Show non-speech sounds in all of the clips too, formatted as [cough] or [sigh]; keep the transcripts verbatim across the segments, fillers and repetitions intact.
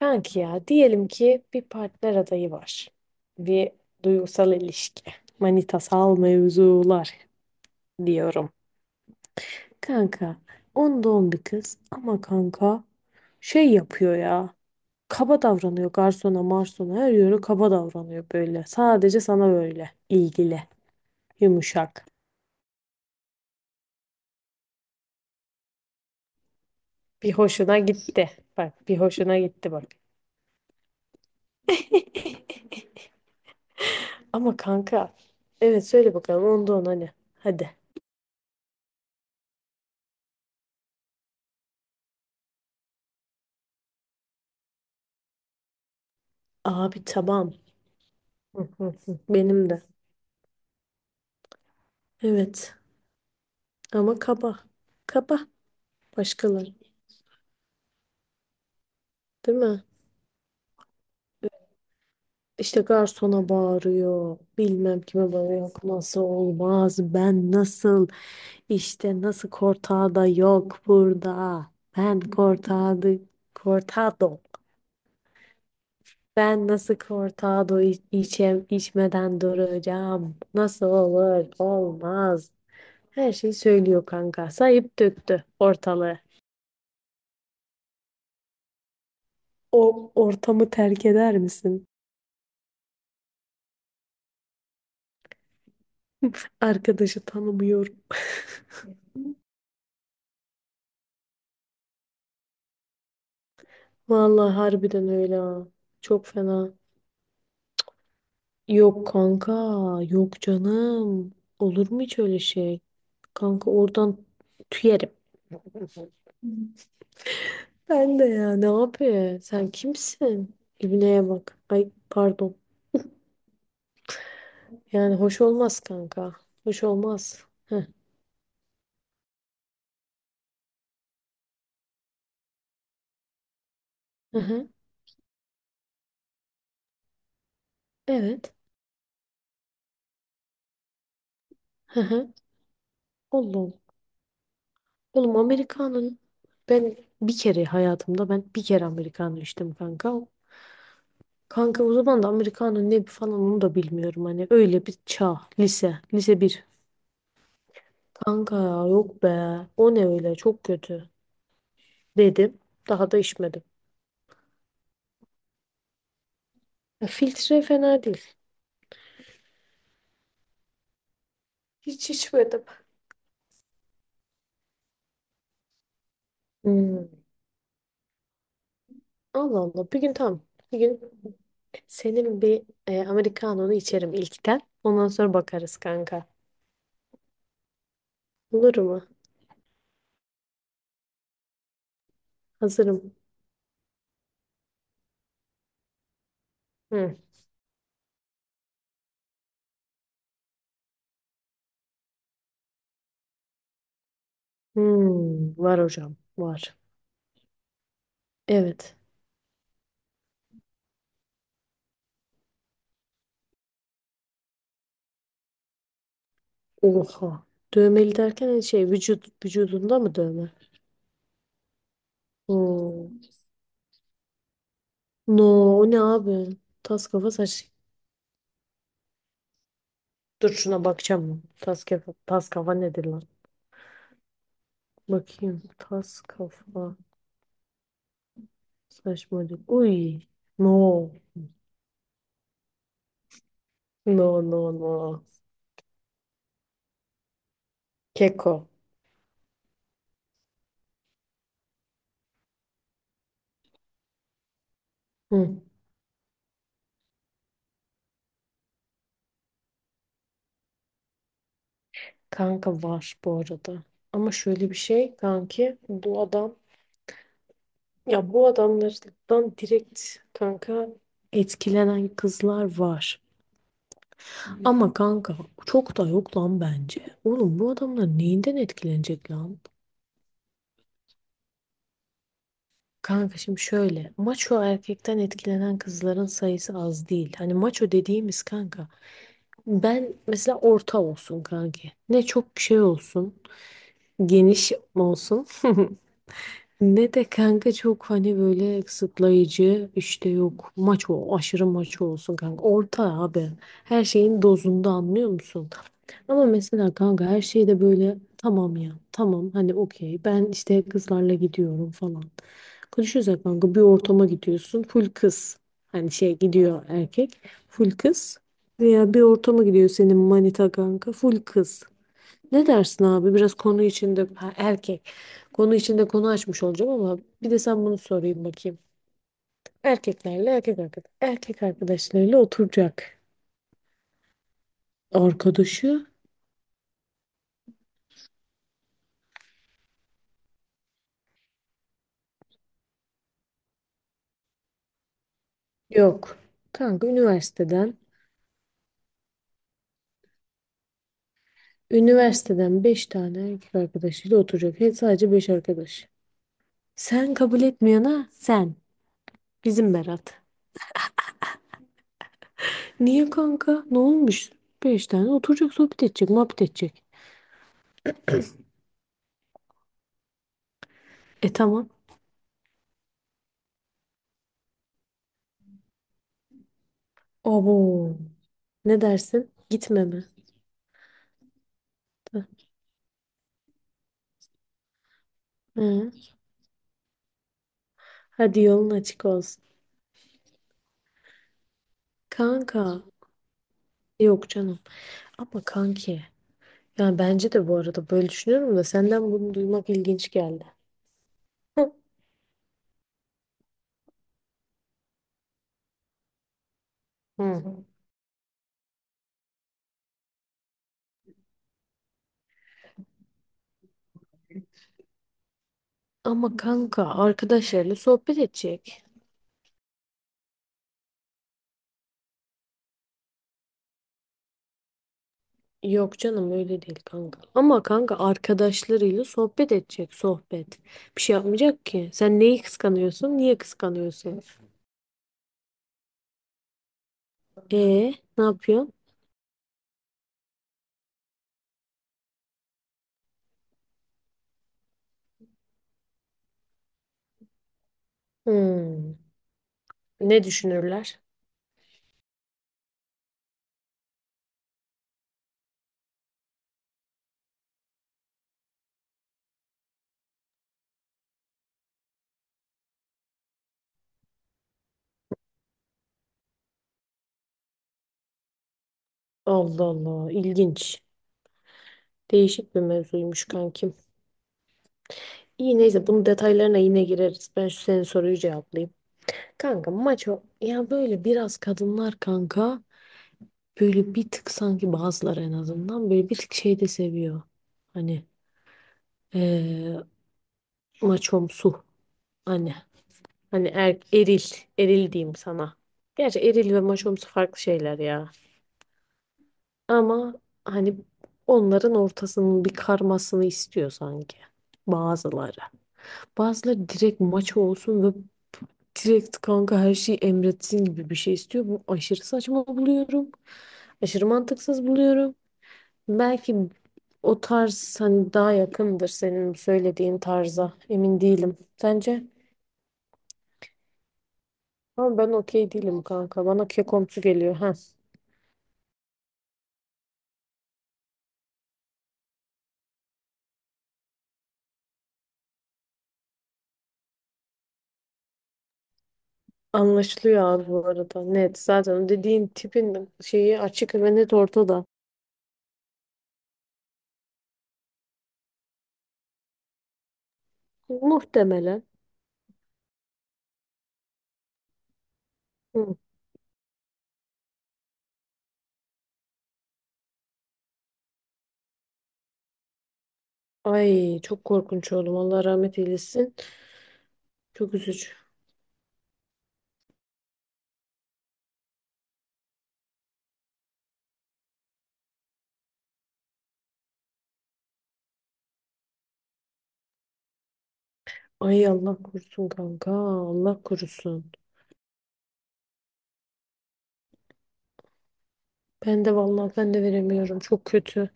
Kanki ya diyelim ki bir partner adayı var. Bir duygusal ilişki. Manitasal mevzular diyorum. Kanka on doğum bir kız ama kanka şey yapıyor ya. Kaba davranıyor garsona marsona her yere kaba davranıyor böyle. Sadece sana böyle ilgili yumuşak. Bir hoşuna gitti. Bak bir hoşuna gitti bak. [laughs] Ama kanka evet söyle bakalım onda on hani. Hadi. Abi tamam. Hı hı hı. Benim de. Evet ama kaba. Kaba başkaları değil mi? İşte garsona bağırıyor. Bilmem kime bağırıyor. Yok nasıl olmaz? Ben nasıl? İşte nasıl da yok burada. Ben kortada kortado. Ben nasıl kortado iç- içem, içmeden duracağım? Nasıl olur? Olmaz. Her şeyi söylüyor kanka. Sayıp döktü ortalığı. O ortamı terk eder misin? Arkadaşı tanımıyorum. [laughs] Vallahi harbiden öyle ha. Çok fena. Yok kanka, yok canım. Olur mu hiç öyle şey? Kanka oradan tüyerim. Ben de ya ne yapıyor? Sen kimsin? İbneye bak. Ay pardon. Yani hoş olmaz kanka. Hoş olmaz. Heh. Hı hı. Evet. Hı hı. Oğlum. Oğlum Amerikanın ben bir kere hayatımda ben bir kere Amerikanı içtim kanka. Kanka o zaman da Amerikan'ın ne falan onu da bilmiyorum. Hani öyle bir çağ. Lise. Lise bir. Kanka ya yok be. O ne öyle çok kötü. Dedim. Daha da içmedim. Ya filtre fena değil. Hiç içmedim. Hmm. Allah Allah. Bir gün tamam. Bir gün senin bir e, Amerikanonu içerim ilkten. Ondan sonra bakarız kanka. Olur mu? Hazırım. Hı. Hmm. Var hocam. Var. Evet. Oha. Dövmeli derken hani şey vücut vücudunda mı dövme? Oo. No, o ne abi? Tas kafa saç. Dur şuna bakacağım ben. Tas kafa, tas kafa nedir lan? Bakayım. Tas kafa saçmalık. Uy. No. No, no, no. Keko. Hı. Kanka var bu arada. Ama şöyle bir şey kanki. Bu adam ya bu adamlardan direkt kanka etkilenen kızlar var. Ama kanka çok da yok lan bence. Oğlum bu adamlar neyinden etkilenecek lan? Kanka şimdi şöyle maço erkekten etkilenen kızların sayısı az değil. Hani maço dediğimiz kanka ben mesela orta olsun kanki. Ne çok şey olsun geniş olsun. [laughs] Ne de kanka çok hani böyle kısıtlayıcı işte yok maç o aşırı maç olsun kanka orta abi her şeyin dozunda anlıyor musun? Ama mesela kanka her şey de böyle tamam ya tamam hani okey ben işte kızlarla gidiyorum falan. Konuşuyoruz ya kanka bir ortama gidiyorsun full kız hani şey gidiyor erkek full kız veya bir ortama gidiyor senin manita kanka full kız. Ne dersin abi? Biraz konu içinde ha, erkek. Konu içinde konu açmış olacağım ama bir de sen bunu sorayım bakayım. Erkeklerle erkek arkadaş, erkek arkadaşlarıyla oturacak. Arkadaşı yok. Kanka üniversiteden üniversiteden beş tane erkek arkadaşıyla oturacak. He, sadece beş arkadaş. Sen kabul etmeyene sen. Bizim Berat. Niye kanka? Ne olmuş? Beş tane oturacak, sohbet edecek, muhabbet edecek. E tamam. Abo. Ne dersin? Gitme mi? Hı. Hadi yolun açık olsun. Kanka. Yok canım. Ama kanki. Yani bence de bu arada böyle düşünüyorum da senden bunu duymak ilginç geldi. [laughs] Hı. Ama kanka arkadaşlarıyla sohbet edecek. Yok canım öyle değil kanka. Ama kanka arkadaşlarıyla sohbet edecek sohbet. Bir şey yapmayacak ki. Sen neyi kıskanıyorsun? Niye kıskanıyorsun? E ne yapıyorsun? Hmm. Ne düşünürler? Allah Allah ilginç. Değişik bir mevzuymuş kankim. İyi neyse bunun detaylarına yine gireriz. Ben şu senin soruyu cevaplayayım. Kanka maço ya böyle biraz kadınlar kanka böyle bir tık sanki bazıları en azından böyle bir tık şey de seviyor. Hani eee maçomsu hani hani er, eril eril diyeyim sana. Gerçi eril ve maçomsu farklı şeyler ya. Ama hani onların ortasının bir karmasını istiyor sanki bazıları. Bazıları direkt maço olsun direkt kanka her şeyi emretsin gibi bir şey istiyor. Bu aşırı saçma buluyorum. Aşırı mantıksız buluyorum. Belki o tarz hani daha yakındır senin söylediğin tarza. Emin değilim. Sence? Ama ben okey değilim kanka. Bana kekomsu geliyor. Ha. Anlaşılıyor abi bu arada. Net. Zaten o dediğin tipin şeyi açık ve net ortada. Muhtemelen. Hı. Ay çok korkunç oğlum. Allah rahmet eylesin. Çok üzücü. Ay Allah korusun kanka. Allah korusun. Ben de vallahi ben de veremiyorum. Çok kötü.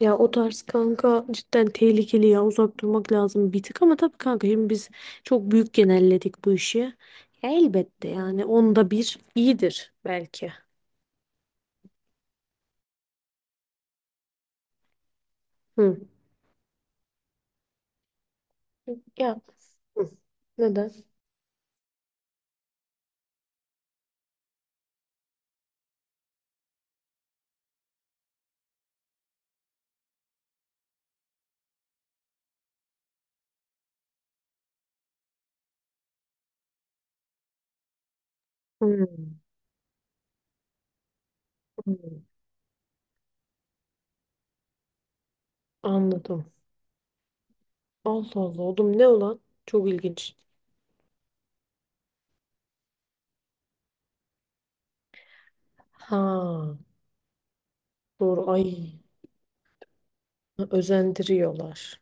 Ya o tarz kanka cidden tehlikeli ya. Uzak durmak lazım bir tık ama tabii kanka şimdi biz çok büyük genelledik bu işi. Ya elbette yani onda bir iyidir belki. Hı. Ya, hı. Neden? Hı. Hı. Anladım. Allah Allah oğlum ne olan? Çok ilginç. Ha doğru, ay özendiriyorlar.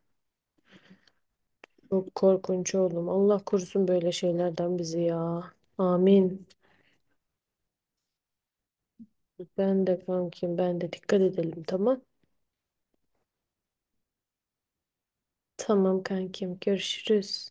Çok korkunç oğlum. Allah korusun böyle şeylerden bizi ya. Amin. Ben de kankim, ben de dikkat edelim tamam. Tamam kankim, görüşürüz.